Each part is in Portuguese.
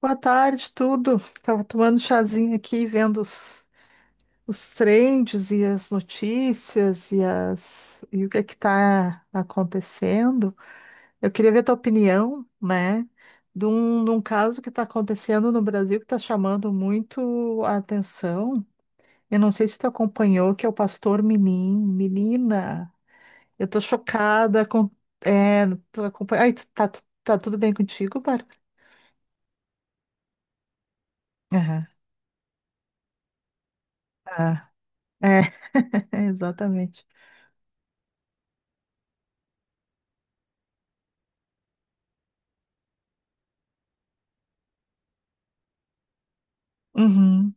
Boa tarde, tudo. Tava tomando chazinho aqui, vendo os trends e as notícias e o que é que tá acontecendo. Eu queria ver a tua opinião, né, de um caso que está acontecendo no Brasil que está chamando muito a atenção. Eu não sei se tu acompanhou, que é o pastor Menin. Menina, eu tô chocada com. É, tu acompanha. Ai, tá tudo bem contigo, Bárbara? Aham. Ah, é, exatamente. Uhum.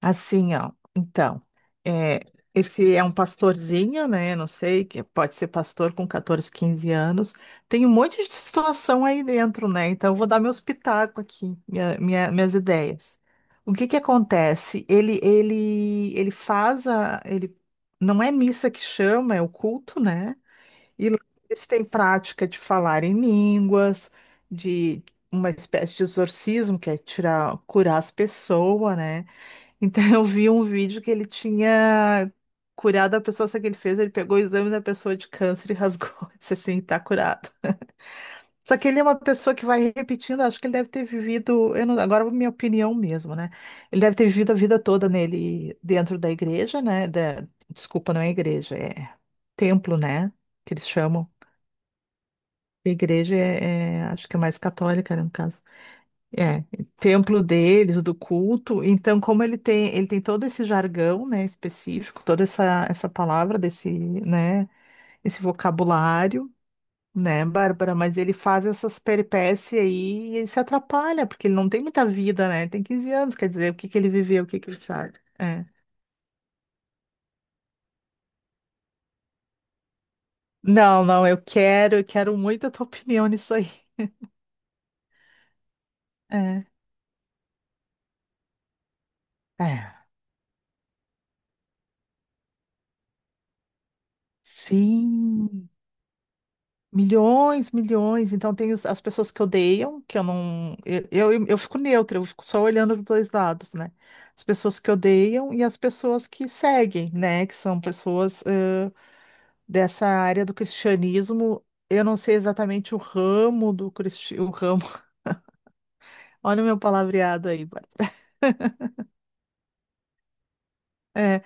Assim, ó. Então, é, esse é um pastorzinho, né? Não sei, que pode ser pastor com 14, 15 anos. Tem um monte de situação aí dentro, né? Então, eu vou dar meus pitacos aqui, minha- minha- minhas ideias. O que que acontece? Ele faz ele não é missa que chama, é o culto, né? E lá eles têm prática de falar em línguas, de uma espécie de exorcismo, que é tirar, curar as pessoas, né? Então eu vi um vídeo que ele tinha curado a pessoa, só que ele pegou o exame da pessoa de câncer e rasgou. Disse assim, tá curado. Só que ele é uma pessoa que vai repetindo, acho que ele deve ter vivido, eu não, agora minha opinião mesmo, né? Ele deve ter vivido a vida toda nele dentro da igreja, né? Desculpa, não é igreja, é templo, né? Que eles chamam. Igreja é, acho que é mais católica, né, no caso. É, templo deles, do culto. Então, como ele tem todo esse jargão, né, específico, toda essa, essa palavra desse, né, esse vocabulário, né, Bárbara, mas ele faz essas peripécias aí e ele se atrapalha, porque ele não tem muita vida, né? Tem 15 anos, quer dizer, o que que ele viveu, o que que ele sabe. É. Não, não, eu quero muito a tua opinião nisso aí. É. É. Sim. Milhões, milhões. Então tem as pessoas que odeiam, que eu não. Eu fico neutra, eu fico só olhando dos dois lados, né? As pessoas que odeiam e as pessoas que seguem, né? Que são pessoas dessa área do cristianismo. Eu não sei exatamente o ramo. Olha o meu palavreado aí, Bárbara. É,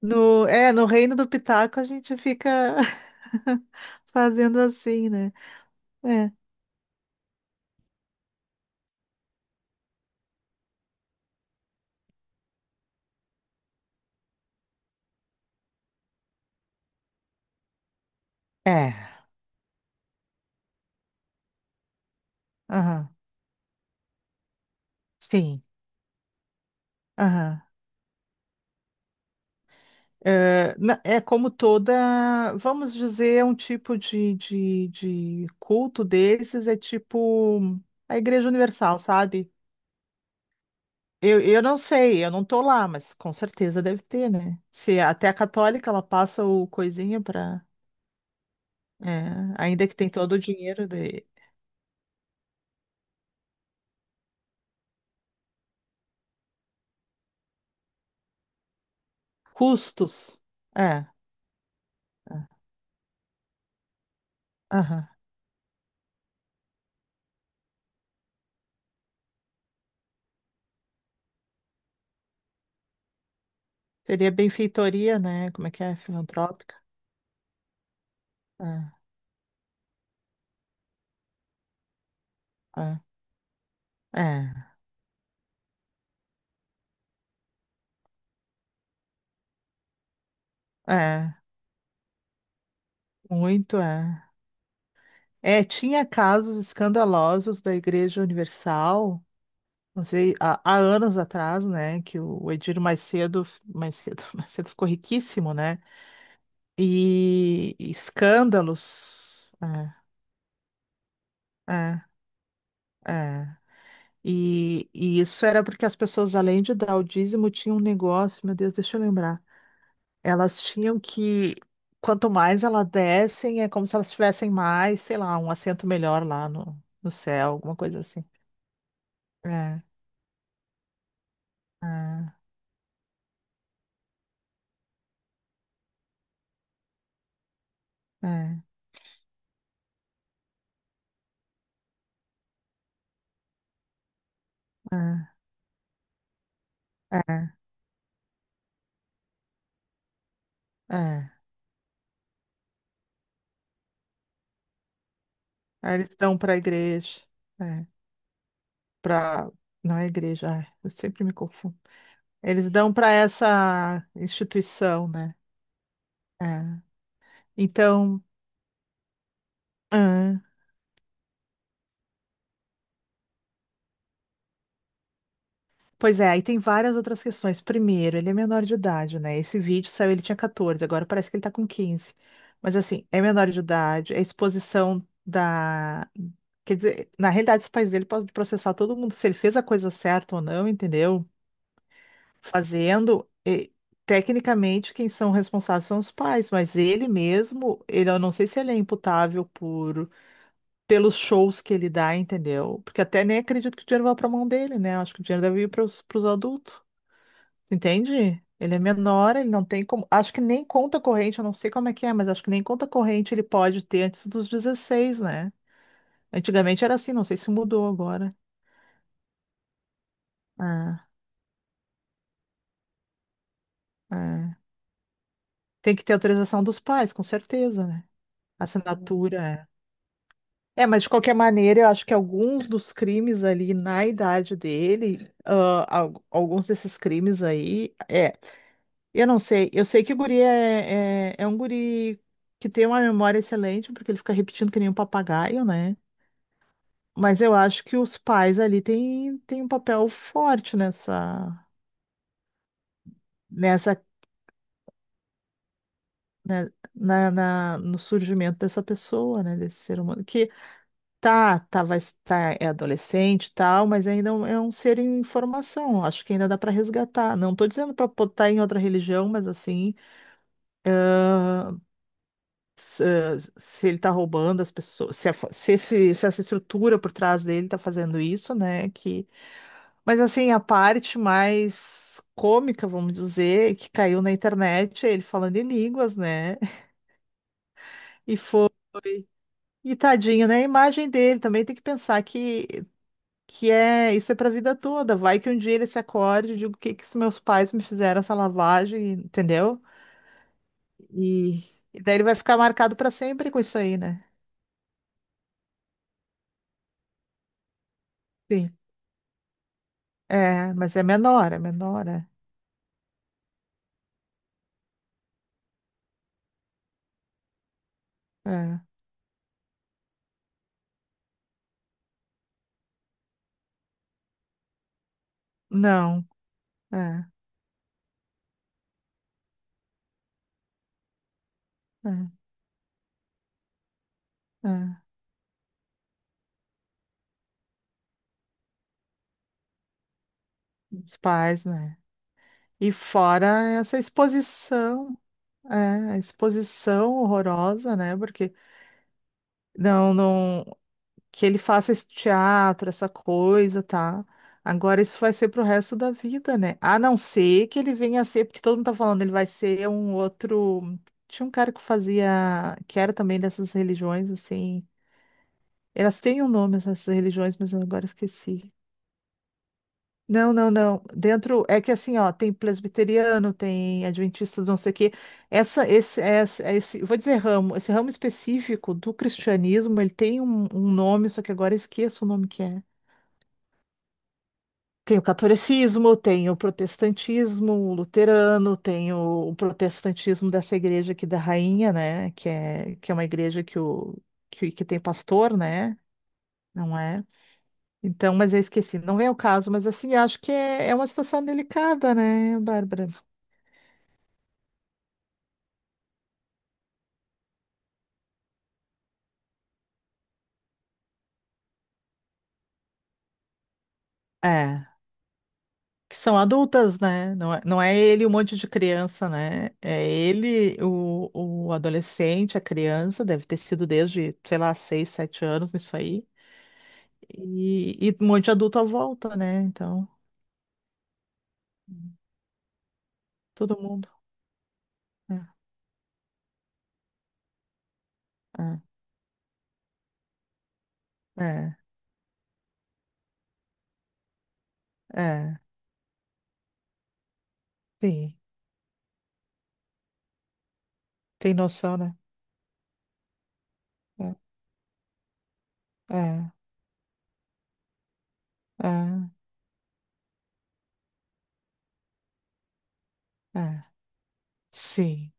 no reino do Pitaco a gente fica fazendo assim, né? É. É. Aham. Sim. Aham. É, é como toda, vamos dizer, um tipo de culto desses, é tipo a Igreja Universal, sabe? Eu não sei, eu não tô lá, mas com certeza deve ter, né? Se até a católica ela passa o coisinha para, ainda que tem todo o dinheiro de custos. É, é, aham. Seria benfeitoria, né? Como é que é? Filantrópica? É, é, é, é, muito, é. É, tinha casos escandalosos da Igreja Universal, não sei, há anos atrás, né, que o Edir mais cedo, mais cedo ficou riquíssimo, né, e escândalos, é, é, é. E isso era porque as pessoas, além de dar o dízimo, tinham um negócio, meu Deus, deixa eu lembrar, elas tinham que, quanto mais elas dessem, é como se elas tivessem mais, sei lá, um assento melhor lá no, no céu, alguma coisa assim. É, é. É, é, é, é. Aí eles dão para a igreja, é, para não é igreja, ai, eu sempre me confundo. Eles dão para essa instituição, né? É. Então, ah, pois é, aí tem várias outras questões. Primeiro, ele é menor de idade, né? Esse vídeo saiu, ele tinha 14, agora parece que ele tá com 15. Mas assim, é menor de idade, é exposição da. Quer dizer, na realidade, os pais dele podem processar todo mundo se ele fez a coisa certa ou não, entendeu? Fazendo, e, tecnicamente quem são responsáveis são os pais, mas ele mesmo, eu não sei se ele é imputável por pelos shows que ele dá, entendeu? Porque até nem acredito que o dinheiro vá para a mão dele, né? Eu acho que o dinheiro deve ir para os adultos, entende? Ele é menor, ele não tem como. Acho que nem conta corrente, eu não sei como é que é, mas acho que nem conta corrente ele pode ter antes dos 16 né? Antigamente era assim, não sei se mudou agora. Ah, é. Tem que ter autorização dos pais, com certeza, né? Assinatura. É. É, mas de qualquer maneira, eu acho que alguns dos crimes ali na idade dele, ah, alguns desses crimes aí, é. Eu não sei, eu sei que o guri é um guri que tem uma memória excelente, porque ele fica repetindo que nem um papagaio, né? Mas eu acho que os pais ali têm um papel forte nessa, né, no surgimento dessa pessoa, né? Desse ser humano, tá, tá, vai estar, é adolescente e tal, mas ainda é um ser em formação. Acho que ainda dá para resgatar. Não tô dizendo para botar em outra religião, mas assim, se ele tá roubando as pessoas, se, se, se essa estrutura por trás dele tá fazendo isso, né? Que. Mas assim, a parte mais cômica, vamos dizer, que caiu na internet, é ele falando em línguas, né? E foi. E tadinho, né? A imagem dele também tem que pensar que. Que é, isso é pra vida toda. Vai que um dia ele se acorde e diga o que que os meus pais me fizeram essa lavagem, entendeu? E, e daí ele vai ficar marcado pra sempre com isso aí, né? Sim. É, mas é menor, é menor, é. É. Não, é, é, é. Os pais, né? E fora essa exposição, é, a exposição horrorosa, né? Porque não, não. Que ele faça esse teatro, essa coisa, tá? Agora isso vai ser pro resto da vida, né? A não ser que ele venha a ser, porque todo mundo tá falando, ele vai ser um outro. Tinha um cara que fazia, que era também dessas religiões, assim. Elas têm um nome, essas religiões, mas eu agora esqueci. Não, não, não. Dentro é que assim, ó, tem presbiteriano, tem adventista, do não sei o quê. Essa, esse, vou dizer ramo, esse ramo específico do cristianismo, ele tem um, um nome, só que agora eu esqueço o nome que é. Tem o catolicismo, tem o protestantismo, o luterano, tem o protestantismo dessa igreja aqui da Rainha, né? Que é uma igreja que, o, que, que tem pastor, né? Não é? Então, mas eu esqueci, não vem ao caso, mas assim, acho que é, é uma situação delicada, né, Bárbara? É, que são adultas, né? Não é, não é ele um monte de criança, né? É ele, o adolescente, a criança, deve ter sido desde, sei lá, seis, sete anos, isso aí. E um monte de adulto à volta, né? Então, todo mundo. É, é, é, é. Sim, tem noção, né? É, é, é, é. Sim.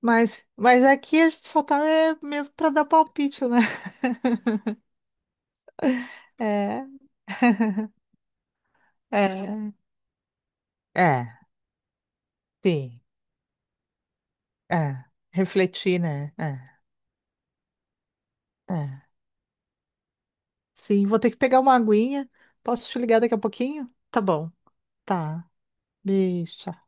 Mas aqui a gente só tá é, mesmo para dar palpite, né? É. É. É, sim. É. Refletir, né? É, é. Sim, vou ter que pegar uma aguinha. Posso te ligar daqui a pouquinho? Tá bom. Tá. Beijo.